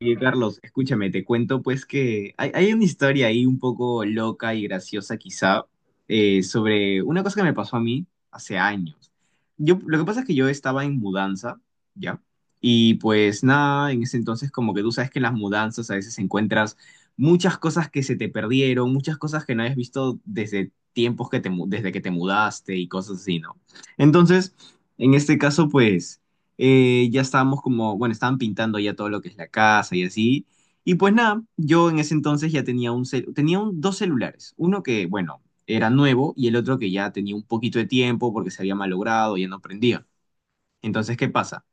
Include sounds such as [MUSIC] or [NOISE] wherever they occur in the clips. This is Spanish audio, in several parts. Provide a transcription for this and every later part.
Oye, Carlos, escúchame, te cuento pues que hay una historia ahí un poco loca y graciosa quizá, sobre una cosa que me pasó a mí hace años. Yo, lo que pasa es que yo estaba en mudanza, ¿ya? Y pues nada, en ese entonces como que tú sabes que en las mudanzas a veces encuentras muchas cosas que se te perdieron, muchas cosas que no habías visto desde tiempos que desde que te mudaste y cosas así, ¿no? Entonces, en este caso pues, ya estábamos como, bueno, estaban pintando ya todo lo que es la casa y así. Y pues nada, yo en ese entonces ya tenía un cel- tenía un- dos celulares, uno que, bueno, era nuevo y el otro que ya tenía un poquito de tiempo porque se había malogrado, ya no prendía. Entonces, ¿qué pasa?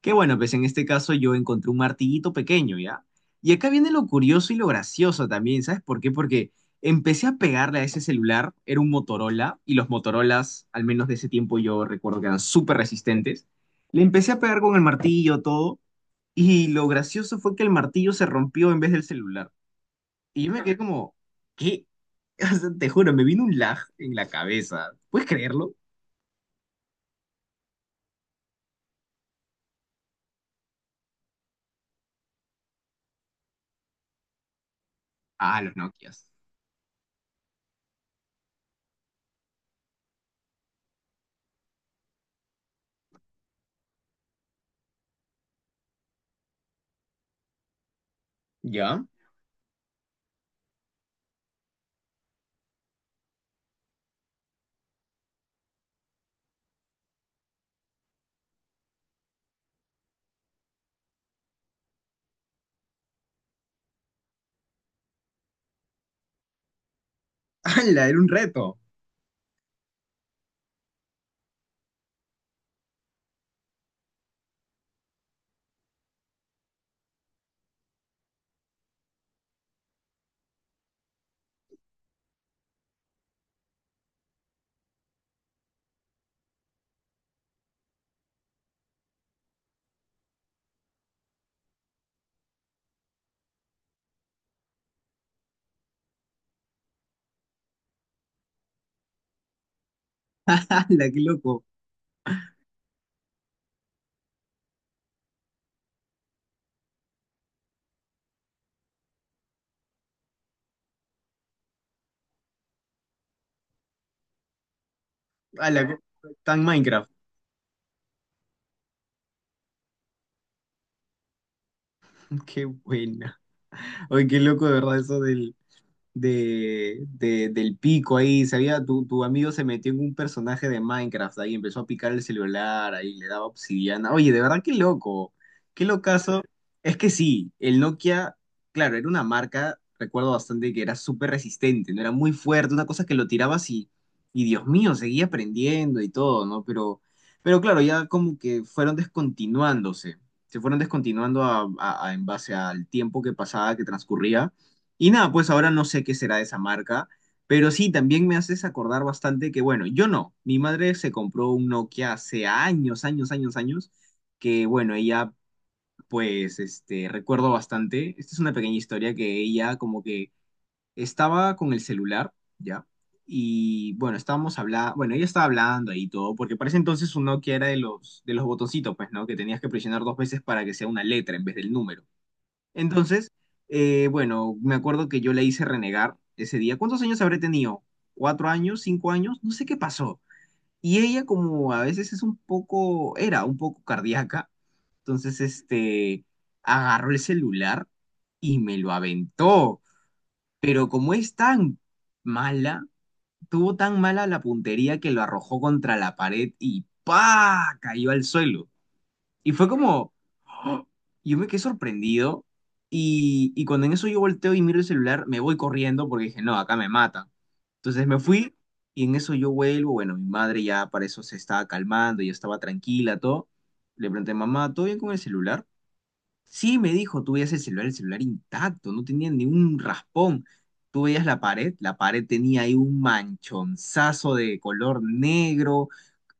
Que bueno, pues en este caso yo encontré un martillito pequeño, ¿ya? Y acá viene lo curioso y lo gracioso también, ¿sabes por qué? Porque empecé a pegarle a ese celular, era un Motorola, y los Motorolas, al menos de ese tiempo yo recuerdo que eran súper resistentes. Le empecé a pegar con el martillo, todo, y lo gracioso fue que el martillo se rompió en vez del celular. Y yo me quedé como, ¿qué? [LAUGHS] O sea, te juro, me vino un lag en la cabeza. ¿Puedes creerlo? Ah, los Nokias. ¿Ya? [LAUGHS] ¡Hala! Era un reto. [LAUGHS] ¡Hala! ¡Qué loco! A la, tan Minecraft. [LAUGHS] Qué buena. Oye, qué loco de verdad eso del pico ahí, sabía, tu amigo se metió en un personaje de Minecraft ahí, empezó a picar el celular, ahí le daba obsidiana. Oye, de verdad, qué loco, qué locazo. Es que sí, el Nokia, claro, era una marca, recuerdo bastante que era súper resistente, no era muy fuerte, una cosa que lo tirabas y Dios mío, seguía aprendiendo y todo, ¿no? Pero claro, ya como que fueron descontinuándose. Se fueron descontinuando en base al tiempo que pasaba, que transcurría. Y nada, pues ahora no sé qué será de esa marca, pero sí, también me haces acordar bastante que, bueno, yo no, mi madre se compró un Nokia hace años, años, años, años, que bueno, ella pues, este, recuerdo bastante, esta es una pequeña historia que ella como que estaba con el celular, ¿ya? Y bueno, estábamos hablando, bueno, ella estaba hablando ahí todo, porque para ese entonces un Nokia era de los botoncitos, pues, ¿no? Que tenías que presionar dos veces para que sea una letra en vez del número. Entonces, bueno, me acuerdo que yo le hice renegar ese día. ¿Cuántos años habré tenido? ¿4 años? ¿5 años? No sé qué pasó. Y ella como a veces es un poco, era un poco cardíaca, entonces este, agarró el celular y me lo aventó. Pero como es tan mala, tuvo tan mala la puntería que lo arrojó contra la pared y ¡pa! Cayó al suelo. Y fue como, ¡oh! yo me quedé sorprendido. Y cuando en eso yo volteo y miro el celular, me voy corriendo porque dije, no, acá me matan. Entonces me fui y en eso yo vuelvo. Bueno, mi madre ya para eso se estaba calmando, ya estaba tranquila, todo. Le pregunté, mamá, ¿todo bien con el celular? Sí, me dijo, tú veías el celular intacto, no tenía ni un raspón. Tú veías la pared tenía ahí un manchonzazo de color negro,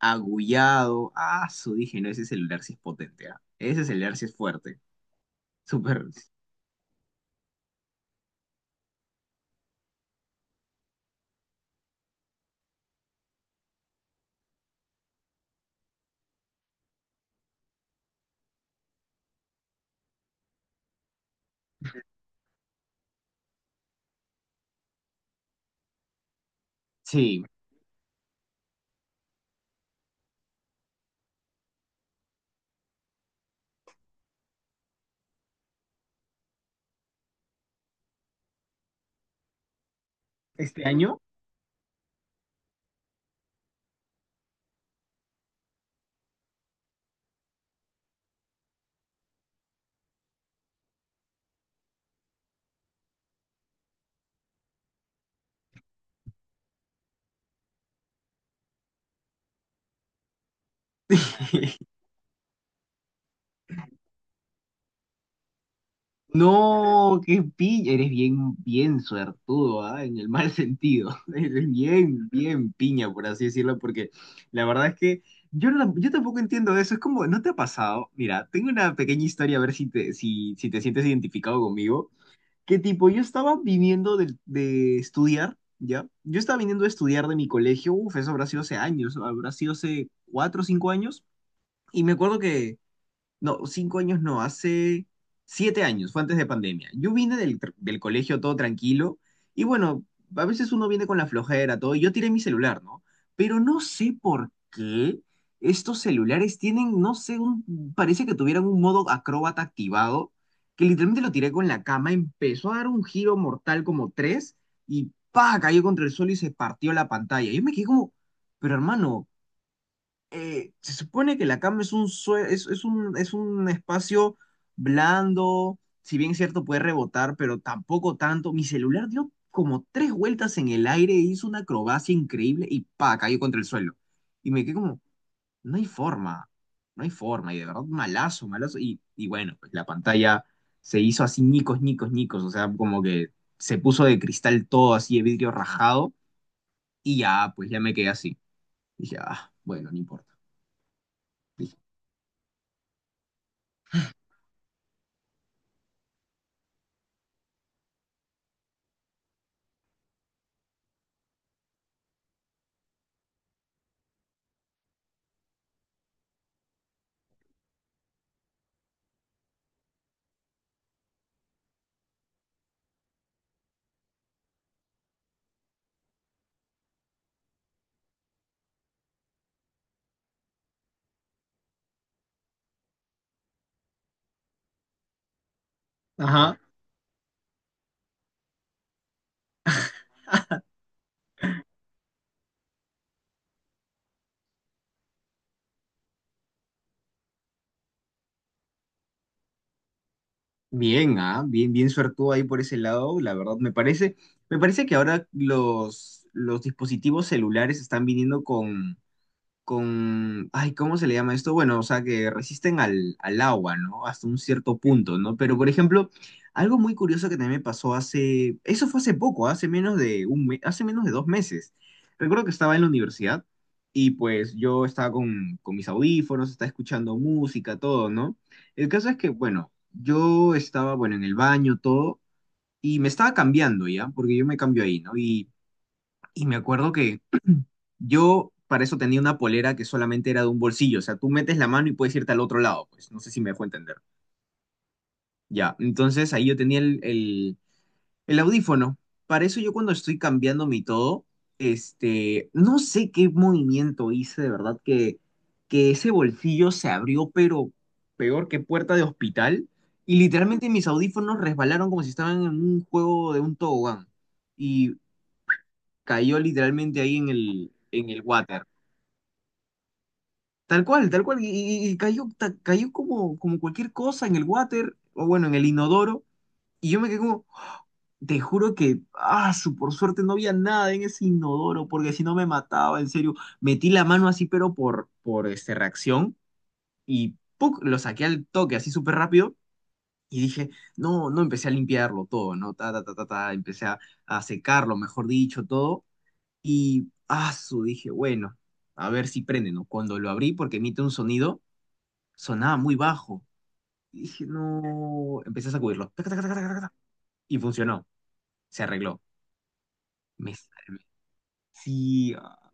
agullado. Ah, su dije, no, ese celular sí es potente, ah. Ese celular sí es fuerte. Súper, sí. Este año [LAUGHS] No, qué piña. Eres bien, bien suertudo, ¿ah? En el mal sentido. [LAUGHS] Eres bien, bien piña, por así decirlo, porque la verdad es que yo, yo tampoco entiendo eso. Es como, ¿no te ha pasado? Mira, tengo una pequeña historia, a ver si te, si, si te sientes identificado conmigo. Que tipo, yo estaba viniendo de estudiar, ¿ya? Yo estaba viniendo de estudiar de mi colegio. Uf, eso habrá sido hace años, habrá sido hace 4 o 5 años. Y me acuerdo que no, 5 años no, hace 7 años, fue antes de pandemia. Yo vine del colegio todo tranquilo y bueno, a veces uno viene con la flojera, todo, y yo tiré mi celular, ¿no? Pero no sé por qué estos celulares tienen, no sé, parece que tuvieran un modo acróbata activado, que literalmente lo tiré con la cama, empezó a dar un giro mortal como tres y pa, cayó contra el suelo y se partió la pantalla. Yo me quedé como, pero hermano se supone que la cama es un, sue- es un espacio blando, si bien es cierto puede rebotar, pero tampoco tanto. Mi celular dio como tres vueltas en el aire, hizo una acrobacia increíble y pa, cayó contra el suelo. Y me quedé como, no hay forma, no hay forma, y de verdad malazo, malazo. Y bueno, pues la pantalla se hizo así ñicos, ñicos, ñicos, o sea, como que se puso de cristal todo así de vidrio rajado y ya, pues ya me quedé así. Dije, ah, bueno, no importa. Dije, Ajá. Bien, ah, bien, bien suertudo ahí por ese lado, la verdad me parece que ahora los dispositivos celulares están viniendo con, ay, ¿cómo se le llama esto? Bueno, o sea, que resisten al agua, ¿no? Hasta un cierto punto, ¿no? Pero, por ejemplo, algo muy curioso que también me pasó hace, eso fue hace poco, hace menos de hace menos de 2 meses. Recuerdo que estaba en la universidad y pues yo estaba con mis audífonos, estaba escuchando música, todo, ¿no? El caso es que, bueno, yo estaba, bueno, en el baño, todo, y me estaba cambiando ya, porque yo me cambio ahí, ¿no? Y me acuerdo yo para eso tenía una polera que solamente era de un bolsillo, o sea, tú metes la mano y puedes irte al otro lado, pues no sé si me dejó entender. Ya, entonces ahí yo tenía el audífono. Para eso yo cuando estoy cambiando mi todo, este, no sé qué movimiento hice, de verdad que ese bolsillo se abrió, pero peor que puerta de hospital, y literalmente mis audífonos resbalaron como si estaban en un juego de un tobogán, y cayó literalmente ahí en el water. Tal cual, tal cual. Y cayó, cayó como, como cualquier cosa en el water, o bueno, en el inodoro. Y yo me quedé como, te juro que, ah, por suerte no había nada en ese inodoro, porque si no me mataba, en serio. Metí la mano así, pero por este, reacción, y ¡puc! Lo saqué al toque, así súper rápido. Y dije, no, no, empecé a limpiarlo todo, ¿no? Ta, ta, ta, ta, ta, empecé a secarlo, mejor dicho, todo. Y, ah, su, dije, bueno, a ver si prende, ¿no? Cuando lo abrí, porque emite un sonido sonaba muy bajo. Y dije, no, empecé a sacudirlo. Taca, taca, taca, taca, taca, taca, y funcionó, se arregló. Me, salvé. Sí, ah.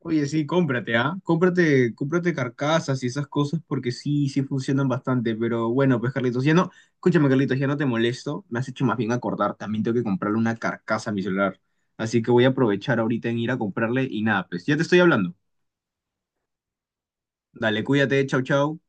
Oye, sí, cómprate, ¿ah? Cómprate, cómprate carcasas y esas cosas porque sí, sí funcionan bastante. Pero bueno, pues Carlitos, ya no, escúchame, Carlitos, ya no te molesto. Me has hecho más bien acordar. También tengo que comprarle una carcasa a mi celular. Así que voy a aprovechar ahorita en ir a comprarle y nada, pues ya te estoy hablando. Dale, cuídate, chau, chau.